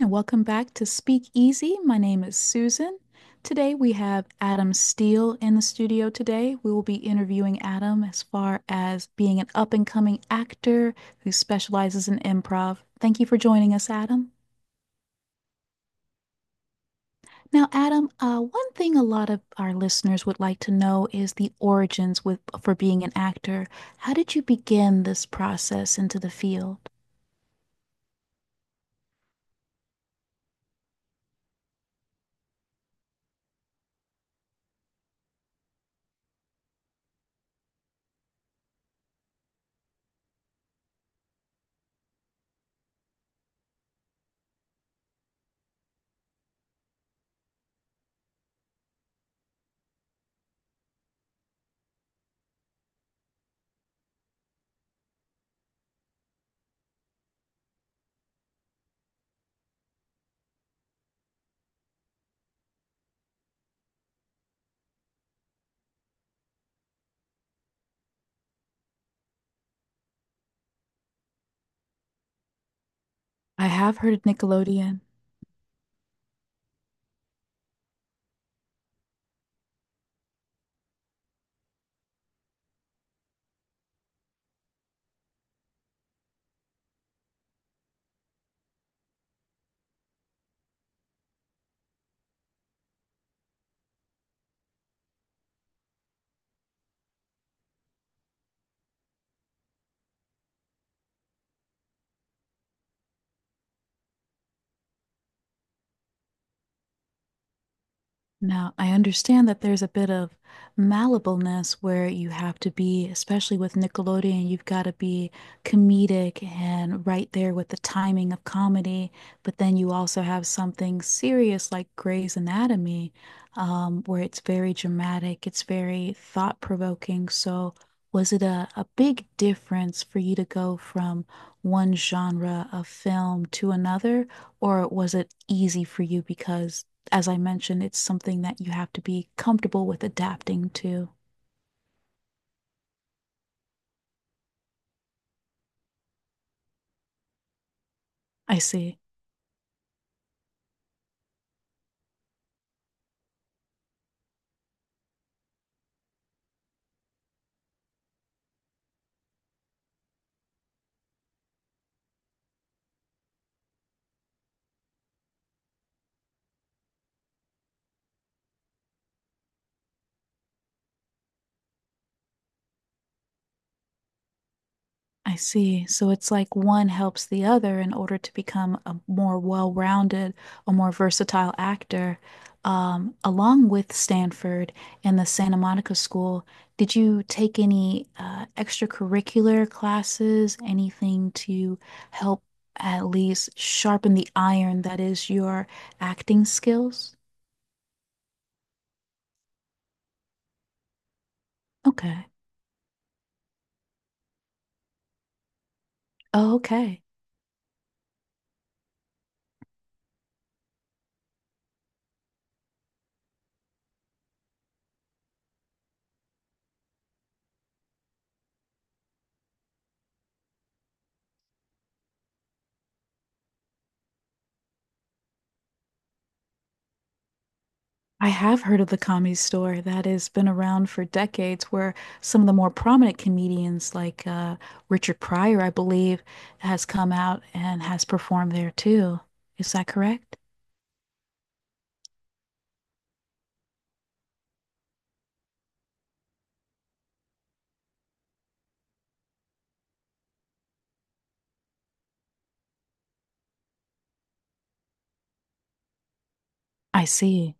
And welcome back to Speak Easy. My name is Susan. Today we have Adam Steele in the studio today. We will be interviewing Adam as far as being an up and coming actor who specializes in improv. Thank you for joining us, Adam. Now, Adam, one thing a lot of our listeners would like to know is the origins with for being an actor. How did you begin this process into the field? I have heard of Nickelodeon. Now, I understand that there's a bit of malleableness where you have to be, especially with Nickelodeon, you've got to be comedic and right there with the timing of comedy. But then you also have something serious like Grey's Anatomy, where it's very dramatic, it's very thought-provoking. So, was it a big difference for you to go from one genre of film to another, or was it easy for you because as I mentioned, it's something that you have to be comfortable with adapting to. I see. I see. So it's like one helps the other in order to become a more well-rounded, a more versatile actor. Along with Stanford and the Santa Monica School, did you take any extracurricular classes, anything to help at least sharpen the iron that is your acting skills? Okay. Oh, okay. I have heard of the Comedy Store that has been around for decades, where some of the more prominent comedians, like Richard Pryor, I believe, has come out and has performed there too. Is that correct? I see.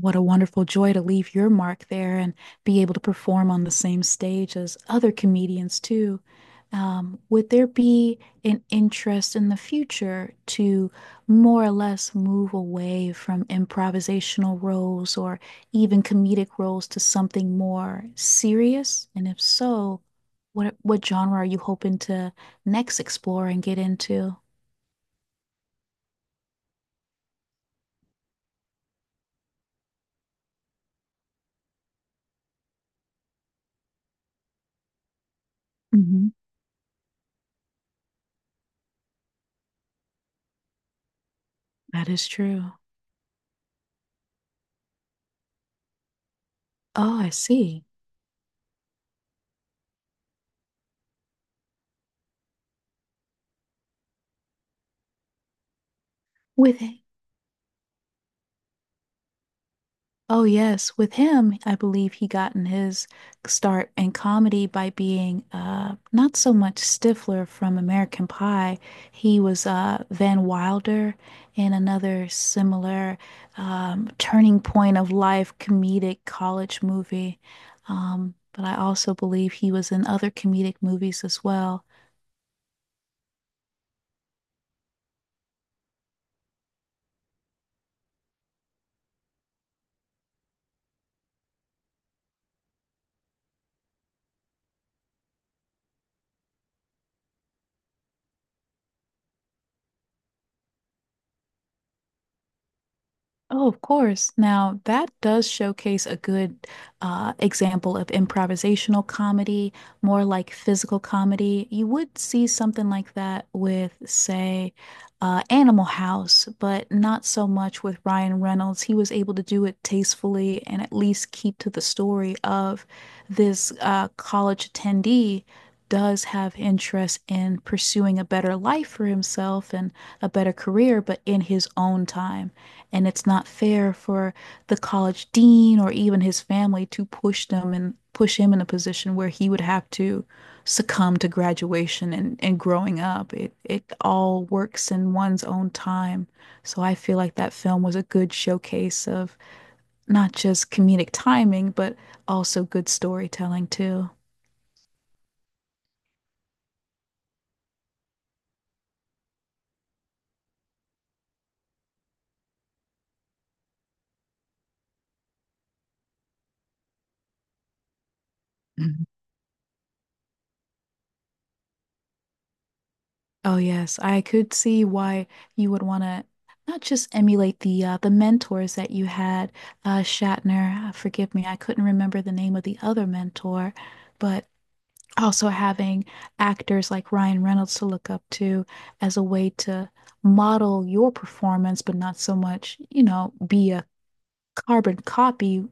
What a wonderful joy to leave your mark there and be able to perform on the same stage as other comedians too. Would there be an interest in the future to more or less move away from improvisational roles or even comedic roles to something more serious? And if so, what genre are you hoping to next explore and get into? Mhm. That is true. Oh, I see. With oh, yes. With him, I believe he gotten his start in comedy by being not so much Stifler from American Pie. He was Van Wilder in another similar turning point of life comedic college movie. But I also believe he was in other comedic movies as well. Oh, of course. Now, that does showcase a good example of improvisational comedy, more like physical comedy. You would see something like that with, say, Animal House, but not so much with Ryan Reynolds. He was able to do it tastefully and at least keep to the story of this college attendee does have interest in pursuing a better life for himself and a better career, but in his own time. And it's not fair for the college dean or even his family to push them and push him in a position where he would have to succumb to graduation and growing up. It all works in one's own time. So I feel like that film was a good showcase of not just comedic timing, but also good storytelling too. Oh yes, I could see why you would want to not just emulate the the mentors that you had, Shatner. Forgive me, I couldn't remember the name of the other mentor, but also having actors like Ryan Reynolds to look up to as a way to model your performance, but not so much, you know, be a carbon copy,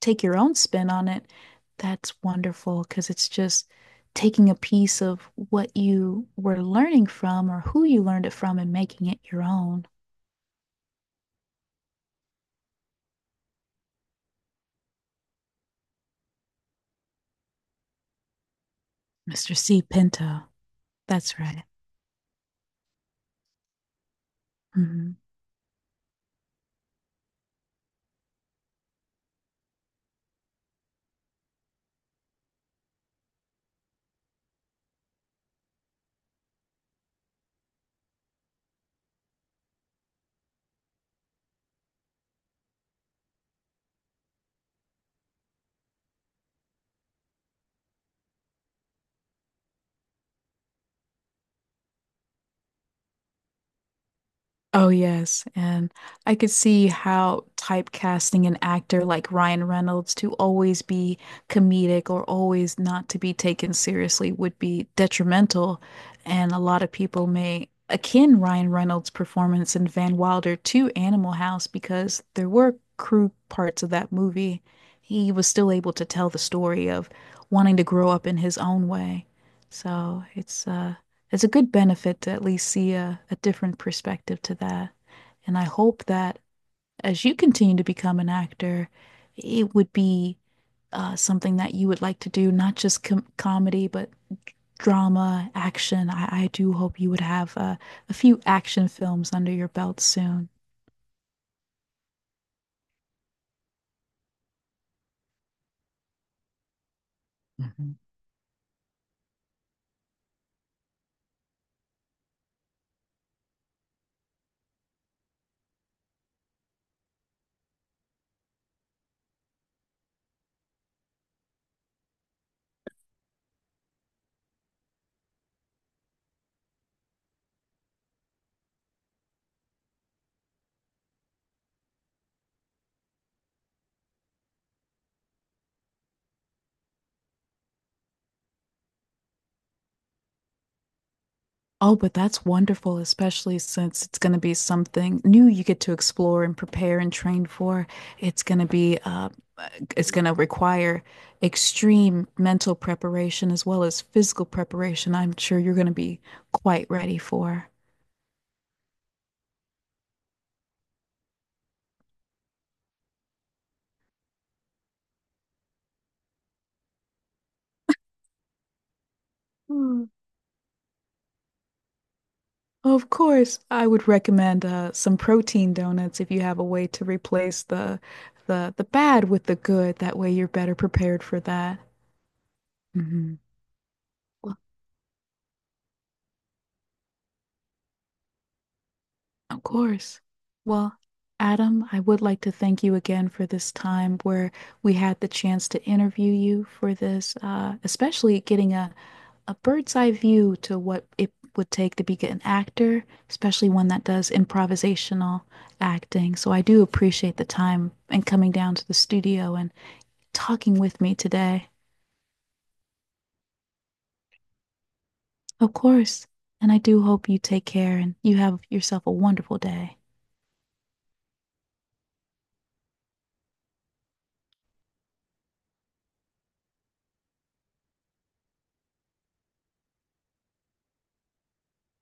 take your own spin on it, that's wonderful because it's just taking a piece of what you were learning from or who you learned it from and making it your own. Mr. C. Pinto. That's right. Mhm. Oh, yes. And I could see how typecasting an actor like Ryan Reynolds to always be comedic or always not to be taken seriously would be detrimental. And a lot of people may akin Ryan Reynolds' performance in Van Wilder to Animal House because there were crude parts of that movie. He was still able to tell the story of wanting to grow up in his own way. So it's it's a good benefit to at least see a different perspective to that. And I hope that as you continue to become an actor, it would be something that you would like to do, not just comedy, but drama, action. I do hope you would have a few action films under your belt soon. Mhm. Oh, but that's wonderful, especially since it's going to be something new you get to explore and prepare and train for. It's going to be it's going to require extreme mental preparation as well as physical preparation. I'm sure you're going to be quite ready for. Hmm. Of course, I would recommend some protein donuts if you have a way to replace the bad with the good. That way you're better prepared for that. Hmm. Of course. Well, Adam, I would like to thank you again for this time where we had the chance to interview you for this, especially getting a bird's eye view to what it would take to be an actor, especially one that does improvisational acting. So I do appreciate the time and coming down to the studio and talking with me today. Of course. And I do hope you take care and you have yourself a wonderful day.